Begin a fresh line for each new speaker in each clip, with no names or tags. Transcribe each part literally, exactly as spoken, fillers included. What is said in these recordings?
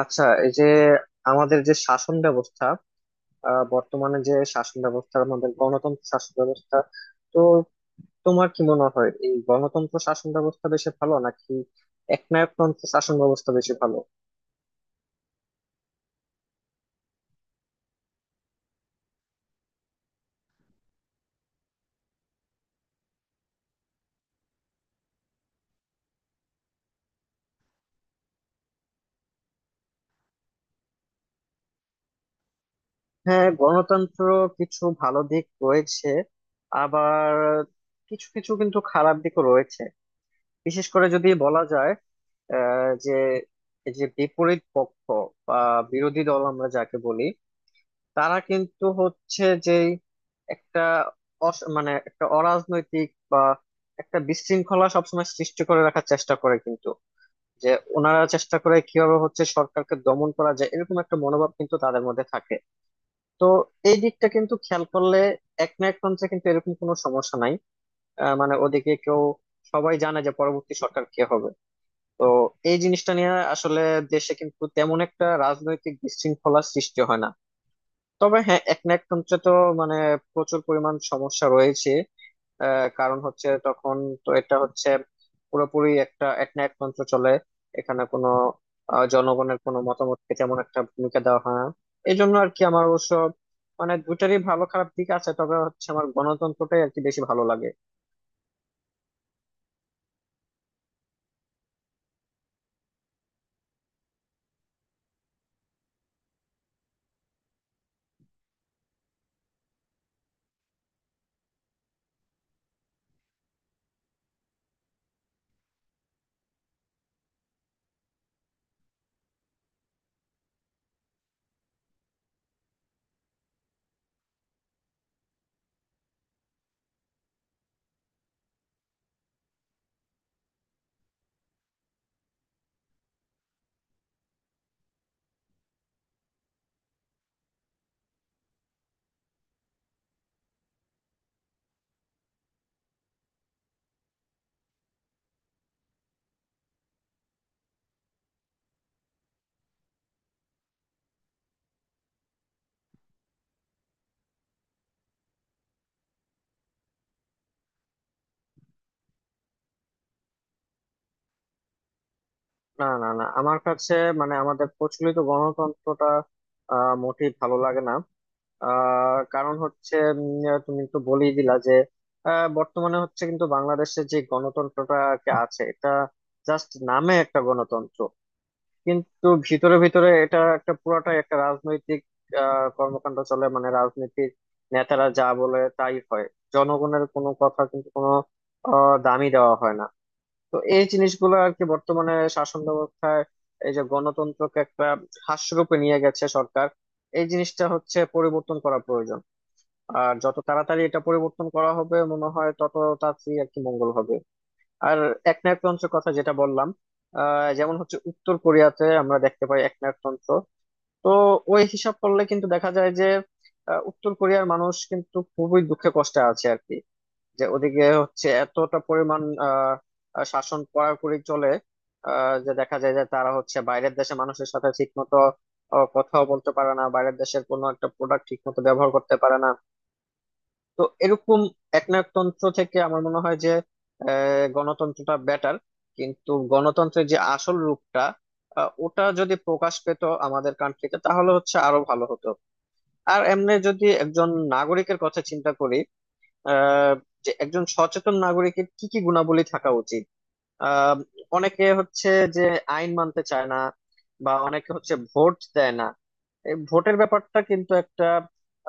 আচ্ছা, এই যে আমাদের যে শাসন ব্যবস্থা, আহ, বর্তমানে যে শাসন ব্যবস্থা আমাদের গণতন্ত্র শাসন ব্যবস্থা, তো তোমার কি মনে হয় এই গণতন্ত্র শাসন ব্যবস্থা বেশি ভালো নাকি একনায়কতন্ত্র শাসন ব্যবস্থা বেশি ভালো? হ্যাঁ, গণতন্ত্র কিছু ভালো দিক রয়েছে, আবার কিছু কিছু কিন্তু খারাপ দিকও রয়েছে। বিশেষ করে যদি বলা যায়, আহ যে এই যে বিপরীত পক্ষ বা বিরোধী দল আমরা যাকে বলি, তারা কিন্তু হচ্ছে যে একটা অস- মানে একটা অরাজনৈতিক বা একটা বিশৃঙ্খলা সবসময় সৃষ্টি করে রাখার চেষ্টা করে কিন্তু, যে ওনারা চেষ্টা করে কিভাবে হচ্ছে সরকারকে দমন করা যায়, এরকম একটা মনোভাব কিন্তু তাদের মধ্যে থাকে। তো এই দিকটা কিন্তু খেয়াল করলে, এক না এক মঞ্চে কিন্তু এরকম কোনো সমস্যা নাই। আহ, মানে ওদিকে কেউ, সবাই জানে যে পরবর্তী সরকার কে হবে। তো এই জিনিসটা নিয়ে আসলে দেশে কিন্তু তেমন একটা রাজনৈতিক বিশৃঙ্খলা সৃষ্টি হয় না। তবে হ্যাঁ, এক না এক তন্ত্রে তো মানে প্রচুর পরিমাণ সমস্যা রয়েছে। আহ, কারণ হচ্ছে তখন, তো এটা হচ্ছে পুরোপুরি একটা এক না এক তন্ত্র চলে। এখানে কোনো আহ, জনগণের কোনো মতামতকে তেমন একটা ভূমিকা দেওয়া হয় না। এই জন্য আর কি, আমার অবশ্য মানে দুটারই ভালো খারাপ দিক আছে, তবে হচ্ছে আমার গণতন্ত্রটাই আর কি বেশি ভালো লাগে। না, না, না, আমার কাছে মানে আমাদের প্রচলিত গণতন্ত্রটা আহ মোটেই ভালো লাগে না। আহ কারণ হচ্ছে উম, আহ, তুমি একটু বলেই দিলা যে, আহ, বর্তমানে হচ্ছে কিন্তু বাংলাদেশে যে গণতন্ত্রটা আর কি আছে, এটা জাস্ট নামে একটা গণতন্ত্র, কিন্তু ভিতরে ভিতরে এটা একটা পুরাটাই একটা রাজনৈতিক আহ, কর্মকাণ্ড চলে। মানে রাজনৈতিক নেতারা যা বলে তাই হয়, জনগণের কোনো কথা কিন্তু কোনো আহ, দামই দেওয়া হয় না। তো এই জিনিসগুলো আর কি বর্তমানে শাসন ব্যবস্থায়, এই যে গণতন্ত্রকে একটা হাস্যরূপে নিয়ে গেছে সরকার, এই জিনিসটা হচ্ছে পরিবর্তন করা প্রয়োজন। আর যত তাড়াতাড়ি এটা পরিবর্তন করা হবে মনে হয় তত তাড়াতাড়ি আর কি মঙ্গল হবে। আর একনায়কতন্ত্রের কথা যেটা বললাম, আহ, যেমন হচ্ছে উত্তর কোরিয়াতে আমরা দেখতে পাই একনায়কতন্ত্র। তো ওই হিসাব করলে কিন্তু দেখা যায় যে, আহ, উত্তর কোরিয়ার মানুষ কিন্তু খুবই দুঃখে কষ্টে আছে আর কি। যে ওদিকে হচ্ছে এতটা পরিমাণ আহ আহ, শাসন কড়াকড়ি চলে। আহ যে দেখা যায় যে তারা হচ্ছে বাইরের দেশে মানুষের সাথে ঠিক মতো কথাও বলতে পারে না, বাইরের দেশের কোনো একটা প্রোডাক্ট ঠিক মতো ব্যবহার করতে পারে না। তো এরকম একনায়কতন্ত্র থেকে আমার মনে হয় যে আহ, গণতন্ত্রটা বেটার। কিন্তু গণতন্ত্রের যে আসল রূপটা, আহ, ওটা যদি প্রকাশ পেত আমাদের কান্ট্রিতে তাহলে হচ্ছে আরো ভালো হতো। আর এমনি যদি একজন নাগরিকের কথা চিন্তা করি, আহ যে একজন সচেতন নাগরিকের কি কি গুণাবলী থাকা উচিত। আহ অনেকে হচ্ছে যে আইন মানতে চায় না, বা অনেকে হচ্ছে ভোট দেয় না। এই ভোটের ব্যাপারটা কিন্তু একটা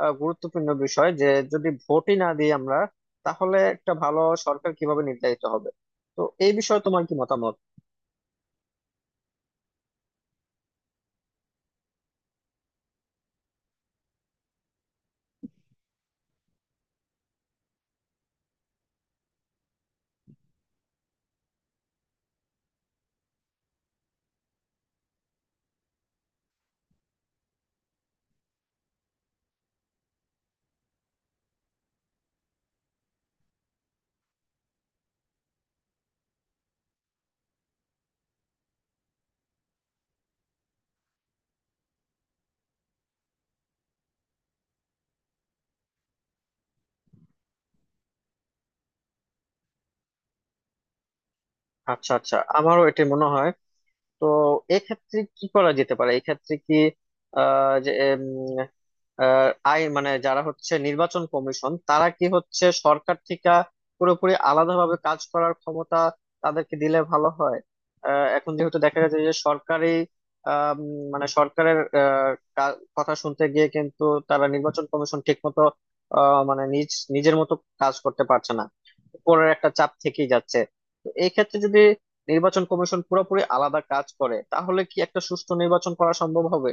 আহ, গুরুত্বপূর্ণ বিষয়, যে যদি ভোটই না দিই আমরা, তাহলে একটা ভালো সরকার কিভাবে নির্ধারিত হবে? তো এই বিষয়ে তোমার কি মতামত? আচ্ছা, আচ্ছা, আমারও এটা মনে হয়। তো এক্ষেত্রে কি করা যেতে পারে, এক্ষেত্রে কি আহ যে উম, আহ, আই মানে যারা হচ্ছে নির্বাচন কমিশন তারা কি হচ্ছে সরকার থেকে পুরোপুরি আলাদাভাবে কাজ করার ক্ষমতা তাদেরকে দিলে ভালো হয়। আহ, এখন যেহেতু দেখা গেছে যে সরকারি আম, মানে সরকারের আহ, কা- কথা শুনতে গিয়ে কিন্তু তারা নির্বাচন কমিশন ঠিক মতো, মানে নিজ নিজের মতো কাজ করতে পারছে না, উপরের একটা চাপ থেকেই যাচ্ছে। তো এই ক্ষেত্রে যদি নির্বাচন কমিশন পুরোপুরি আলাদা কাজ করে তাহলে কি একটা সুষ্ঠু নির্বাচন করা সম্ভব হবে?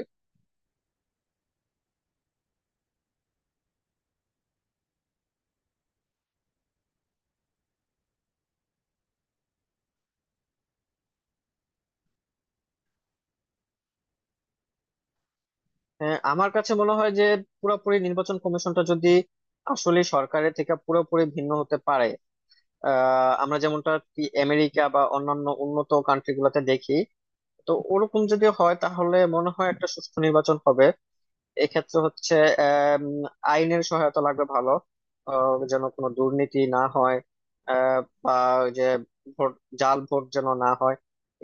হ্যাঁ, আমার কাছে মনে হয় যে পুরোপুরি নির্বাচন কমিশনটা যদি আসলে সরকারের থেকে পুরোপুরি ভিন্ন হতে পারে, আহ আমরা যেমনটা কি আমেরিকা বা অন্যান্য উন্নত কান্ট্রি গুলাতে দেখি, তো ওরকম যদি হয় তাহলে মনে হয় একটা সুষ্ঠু নির্বাচন হবে। এক্ষেত্রে হচ্ছে আম, আইনের সহায়তা লাগবে ভালো, আহ, যেন কোনো দুর্নীতি না হয়, আহ, বা ওই যে ভোট, জাল ভোট যেন না হয়।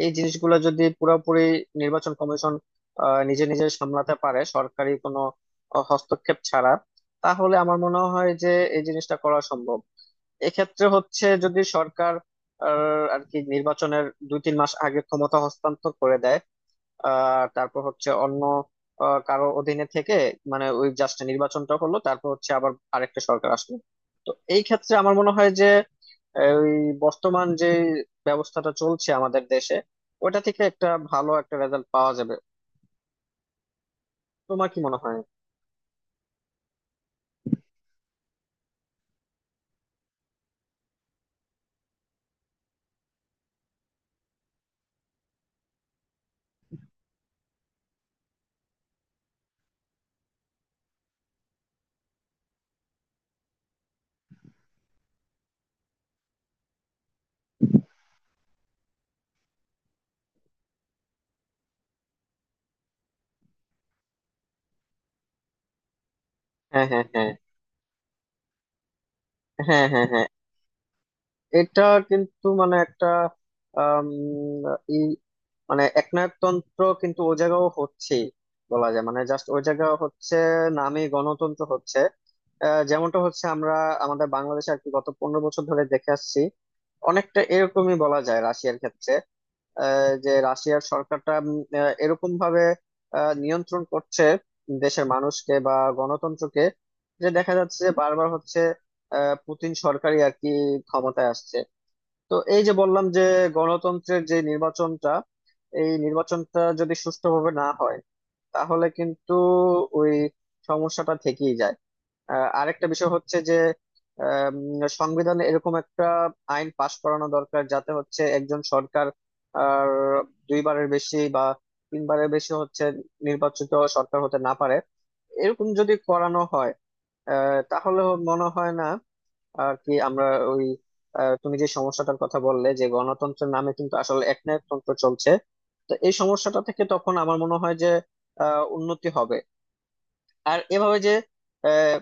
এই জিনিসগুলো যদি পুরোপুরি নির্বাচন কমিশন আহ, নিজে নিজে সামলাতে পারে সরকারি কোনো আহ, হস্তক্ষেপ ছাড়া, তাহলে আমার মনে হয় যে এই জিনিসটা করা সম্ভব। এক্ষেত্রে হচ্ছে যদি সরকার আহ, আর কি নির্বাচনের দুই তিন মাস আগে ক্ষমতা হস্তান্তর করে দেয়, আহ তারপর হচ্ছে অন্য আহ, কারো অধীনে থেকে মানে ওই জাস্ট নির্বাচনটা হলো, তারপর হচ্ছে আবার আরেকটা সরকার আসলো। তো এই ক্ষেত্রে আমার মনে হয় যে আহ, ওই বর্তমান যে ব্যবস্থাটা চলছে আমাদের দেশে, ওটা থেকে একটা ভালো একটা রেজাল্ট পাওয়া যাবে। তোমার কি মনে হয়? হ্যাঁ, হ্যাঁ, হ্যাঁ। হ্যাঁ, হ্যাঁ, হ্যাঁ, এটা কিন্তু মানে একটা আম, এই মানে একনায়কতন্ত্র কিন্তু ও জায়গাও হচ্ছে, বলা যায় মানে জাস্ট ওই জায়গা হচ্ছে নামে গণতন্ত্র হচ্ছে। আহ, যেমনটা হচ্ছে আমরা আমাদের বাংলাদেশে আর কি গত পনেরো বছর ধরে দেখে আসছি, অনেকটা এরকমই বলা যায় রাশিয়ার ক্ষেত্রে। আহ, যে রাশিয়ার সরকারটা উম, আহ, এরকম ভাবে আহ, নিয়ন্ত্রণ করছে দেশের মানুষকে বা গণতন্ত্রকে, যে দেখা যাচ্ছে যে বারবার হচ্ছে আহ, পুতিন সরকারই আর কি ক্ষমতায় আসছে। তো এই যে বললাম যে গণতন্ত্রের যে নির্বাচনটা, এই নির্বাচনটা যদি সুষ্ঠুভাবে না হয়, তাহলে কিন্তু ওই সমস্যাটা থেকেই যায়। আহ, আরেকটা বিষয় হচ্ছে যে আম, সংবিধানে এরকম একটা আইন পাশ করানো দরকার যাতে হচ্ছে একজন সরকার আর দুইবারের বেশি বা তিনবারের বেশি হচ্ছে নির্বাচিত সরকার হতে না পারে। এরকম যদি করানো হয়, আহ, তাহলে মনে হয় না আর কি আমরা ওই, আহ, তুমি যে সমস্যাটার কথা বললে যে গণতন্ত্রের নামে কিন্তু আসলে একনায়কতন্ত্র চলছে, তো এই সমস্যাটা থেকে তখন আমার মনে হয় যে আহ, উন্নতি হবে। আর এভাবে যে আহ,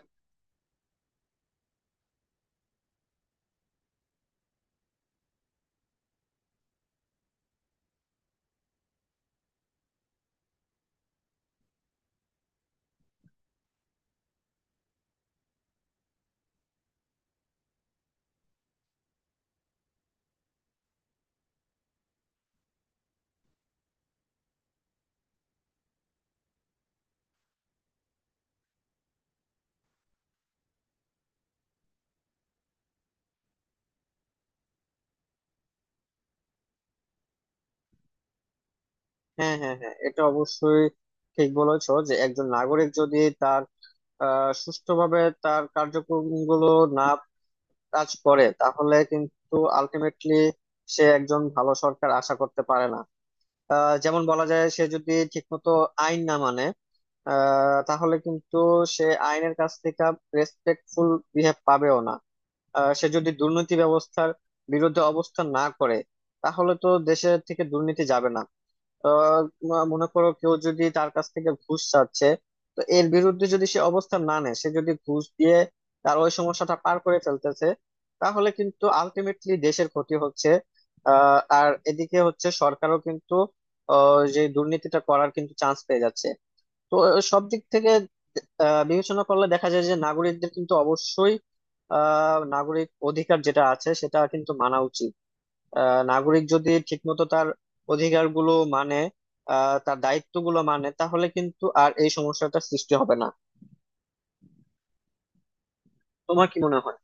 হ্যাঁ, হ্যাঁ, হ্যাঁ, এটা অবশ্যই ঠিক বলেছো যে একজন নাগরিক যদি তার আহ, সুষ্ঠুভাবে তার কার্যক্রমগুলো না কাজ করে, তাহলে কিন্তু আলটিমেটলি সে একজন ভালো সরকার আশা করতে পারে না। আহ, যেমন বলা যায় সে যদি ঠিকমতো আইন না মানে, আহ, তাহলে কিন্তু সে আইনের কাছ থেকে রেসপেক্টফুল বিহেভ পাবেও না। আহ, সে যদি দুর্নীতি ব্যবস্থার বিরুদ্ধে অবস্থান না করে, তাহলে তো দেশের থেকে দুর্নীতি যাবে না। আহ ম- মনে করো কেউ যদি তার কাছ থেকে ঘুষ চাচ্ছে, তো এর বিরুদ্ধে যদি সে অবস্থান না নেয়, সে যদি ঘুষ দিয়ে তার ওই সমস্যাটা পার করে ফেলতেছে, তাহলে কিন্তু আলটিমেটলি দেশের ক্ষতি হচ্ছে। আহ আর এদিকে হচ্ছে সরকারও কিন্তু আহ, যে দুর্নীতিটা করার কিন্তু চান্স পেয়ে যাচ্ছে। তো সব দিক থেকে আহ, বিবেচনা করলে দেখা যায় যে নাগরিকদের কিন্তু অবশ্যই আহ নাগরিক অধিকার যেটা আছে সেটা কিন্তু মানা উচিত। আহ নাগরিক যদি ঠিকমতো তার অধিকারগুলো মানে আহ তার দায়িত্বগুলো মানে, তাহলে কিন্তু আর এই সমস্যাটা সৃষ্টি হবে না। তোমার কি মনে হয়?